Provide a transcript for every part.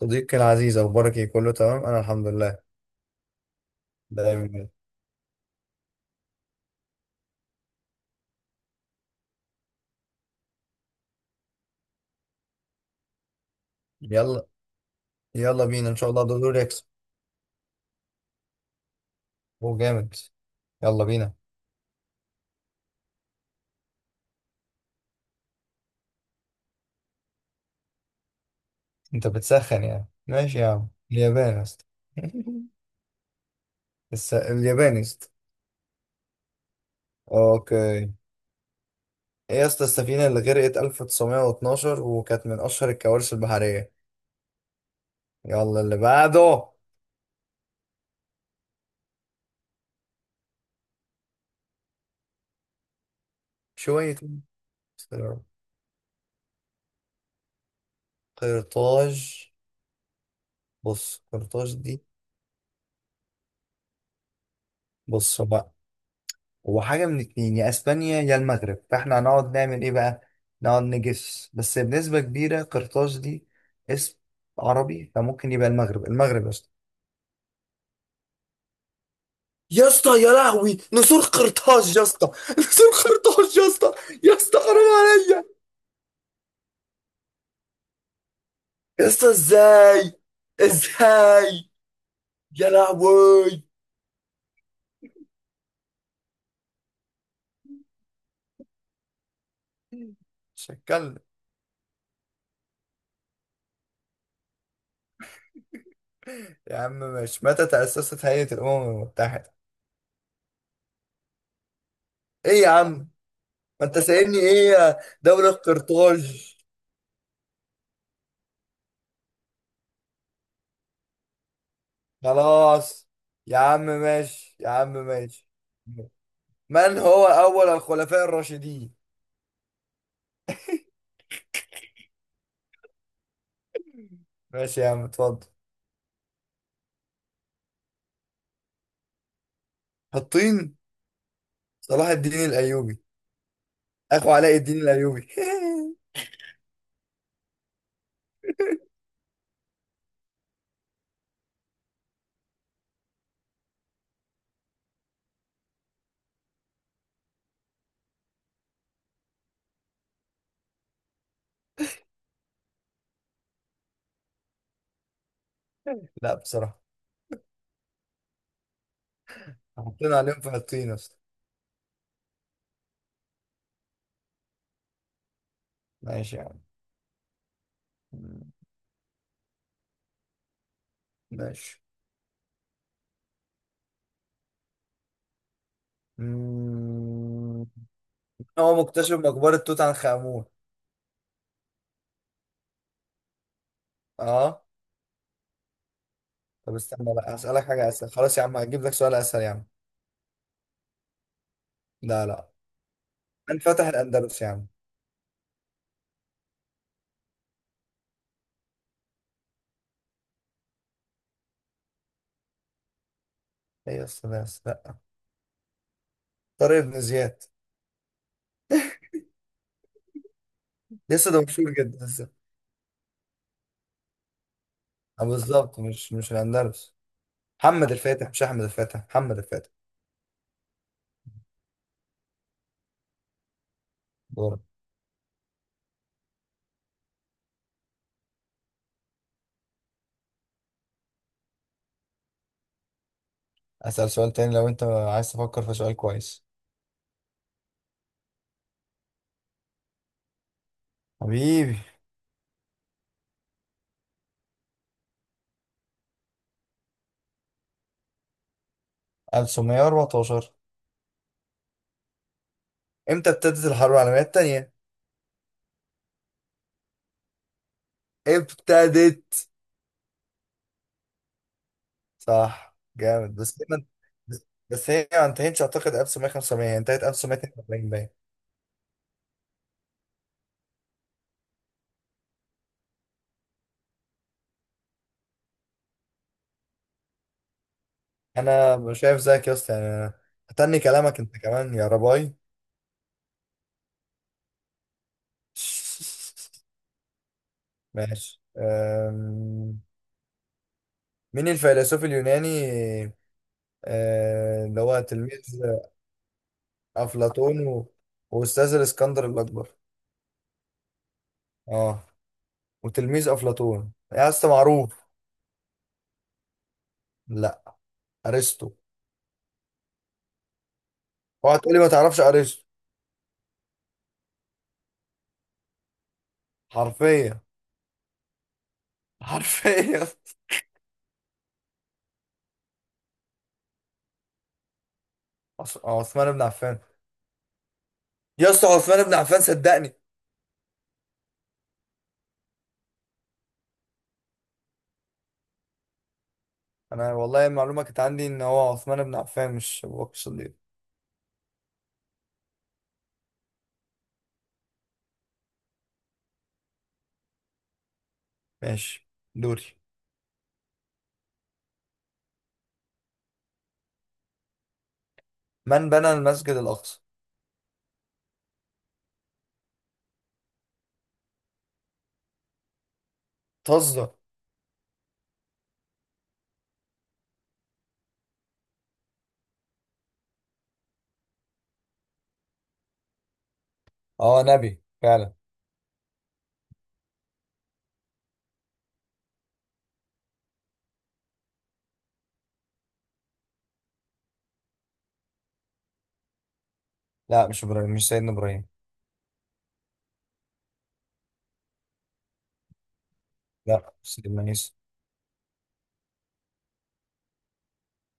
صديقي العزيز، اخبارك ايه؟ كله تمام، انا الحمد لله. دايما. يلا. يلا بينا ان شاء الله دول يكسب. هو جامد. يلا بينا. انت بتسخن يعني؟ ماشي يا عم، اليابان يا اسطى. اليابان يا اسطى. اوكي. ايه يا اسطى السفينه اللي غرقت 1912 وكانت من اشهر الكوارث البحريه؟ يلا اللي بعده. شويه. قرطاج. بص قرطاج دي. بص بقى، هو حاجة من اتنين، يا اسبانيا يا المغرب، فاحنا هنقعد نعمل ايه بقى؟ نقعد نجس. بس بنسبة كبيرة، قرطاج دي اسم عربي فممكن يبقى المغرب. المغرب يا اسطى. يا اسطى يا لهوي، نسور قرطاج يا اسطى. نسور قرطاج يا اسطى. يا اسطى حرام عليا. يا اسطى ازاي؟ ازاي؟ يا لهوي. شكلنا. يا عم، مش متى تأسست هيئة الأمم المتحدة؟ ايه يا عم؟ ما انت سايبني ايه يا دولة قرطاج! خلاص يا عم، ماشي يا عم ماشي. من هو أول الخلفاء الراشدين؟ ماشي يا عم، اتفضل. حطين. صلاح الدين الأيوبي. أخو علاء الدين الأيوبي. لا بصراحة. حطينا عليهم في حطين أصلا. ماشي يا عم. ماشي. مم. هو مكتشف مقبرة توت عنخ آمون. اه. طب استنى بقى، هسألك حاجة أسهل. خلاص يا عم، هجيب لك سؤال أسهل يا عم. لا لا. من فتح الأندلس يا عم؟ ايه السلام؟ لا. طارق بن زياد. لسه ده مشهور جدا لسه. بالظبط، مش الاندلس. محمد الفاتح، مش احمد الفاتح، محمد الفاتح. دور. اسال سؤال تاني لو انت عايز تفكر في سؤال كويس. حبيبي. 1914. امتى ابتدت الحرب العالميه الثانيه؟ ابتدت. صح جامد. بس هي ما انتهتش اعتقد 1905، هي انتهت 1942 باين. انا مش شايف زيك يا اسطى يعني. أنا هتني كلامك انت كمان يا رباي. ماشي. مين الفيلسوف اليوناني، اللي هو تلميذ أفلاطون وأستاذ الإسكندر الأكبر؟ اه. وتلميذ أفلاطون يا اسطى معروف. لا. أرسطو. اوعى تقولي ما تعرفش أرسطو. حرفيا. حرفيا. عثمان بن عفان. يا اسطى، عثمان بن عفان صدقني. أنا والله المعلومة كانت عندي إن هو عثمان بن عفان، مش أبو بكر الصديق. ماشي. دوري. من بنى المسجد الأقصى؟ تهزر. اه نبي فعلا. لا مش إبراهيم، مش سيدنا إبراهيم. لا سيدنا عيسى.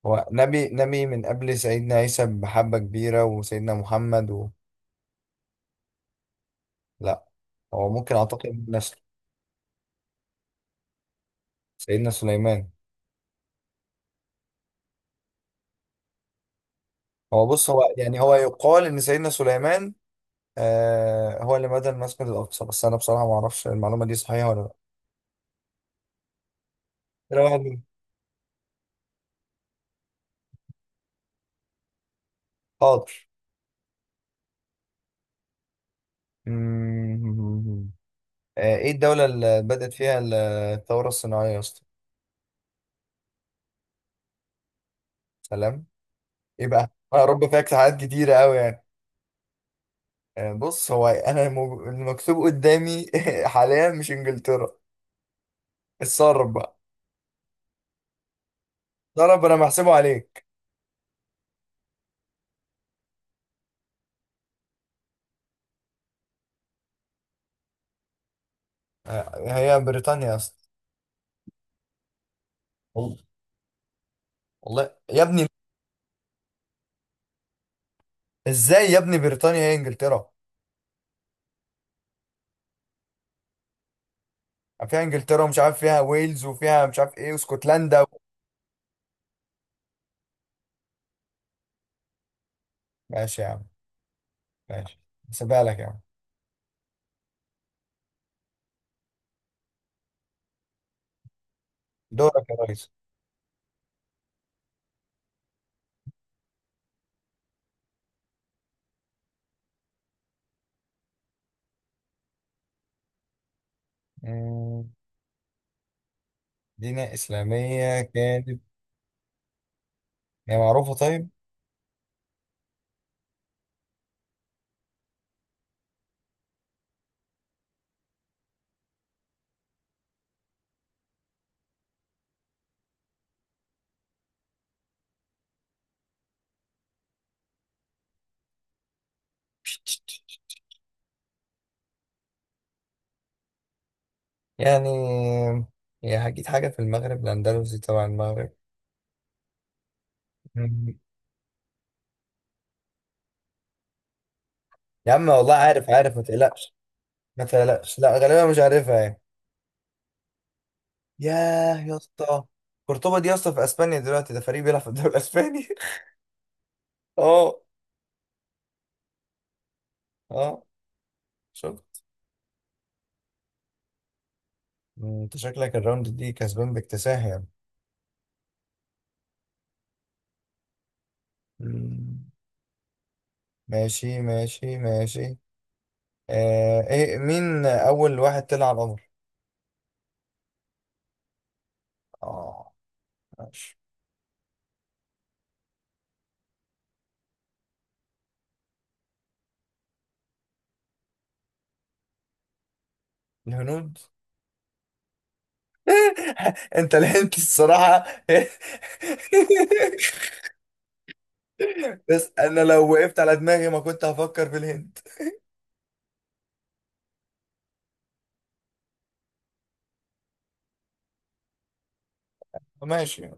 هو نبي، نبي من قبل سيدنا عيسى بحبة كبيرة وسيدنا محمد لا. هو ممكن أعتقد من نسل سيدنا سليمان. هو بص، هو يعني هو يقال إن سيدنا سليمان، آه، هو اللي بنى المسجد الأقصى، بس أنا بصراحة ما أعرفش المعلومة دي صحيحة ولا لا. كده واحد منهم. حاضر. مم. آه، إيه الدولة اللي بدأت فيها الثورة الصناعية يا اسطى؟ سلام. إيه بقى؟ يا رب فيها اجتهادات كتيرة أوي يعني. بص هو المكتوب قدامي. حاليا مش انجلترا. اتصرف بقى. اتصرف، انا محسبه عليك. هي بريطانيا اصلا. وال- والله يا ابني. ازاي يا ابني بريطانيا هي انجلترا؟ فيها انجلترا ومش عارف فيها ويلز وفيها مش عارف ايه، واسكتلندا ماشي يا عم، ماشي. هسيبها لك يا عم. دورك يا ريس. مم، دينا اسلاميه كانت. هي معروفه طيب يعني. هي هجيب حاجه في المغرب الاندلسي، طبعا المغرب. يا عم والله عارف، عارف ما تقلقش. ما تقلقش، لا غالبا مش عارفها يعني. ياه يا اسطى. قرطبة دي يا اسطى في اسبانيا دلوقتي، ده فريق بيلعب في الدوري الاسباني. اه. اه. شوف، انت شكلك الراوند دي كسبان باكتساح يعني. مم. ماشي ماشي ماشي. آه، ايه؟ مين اول واحد طلع على القمر؟ اه. ماشي. الهنود. انت لحنت الصراحة. بس انا لو وقفت على دماغي ما كنت هفكر في الهند. ماشي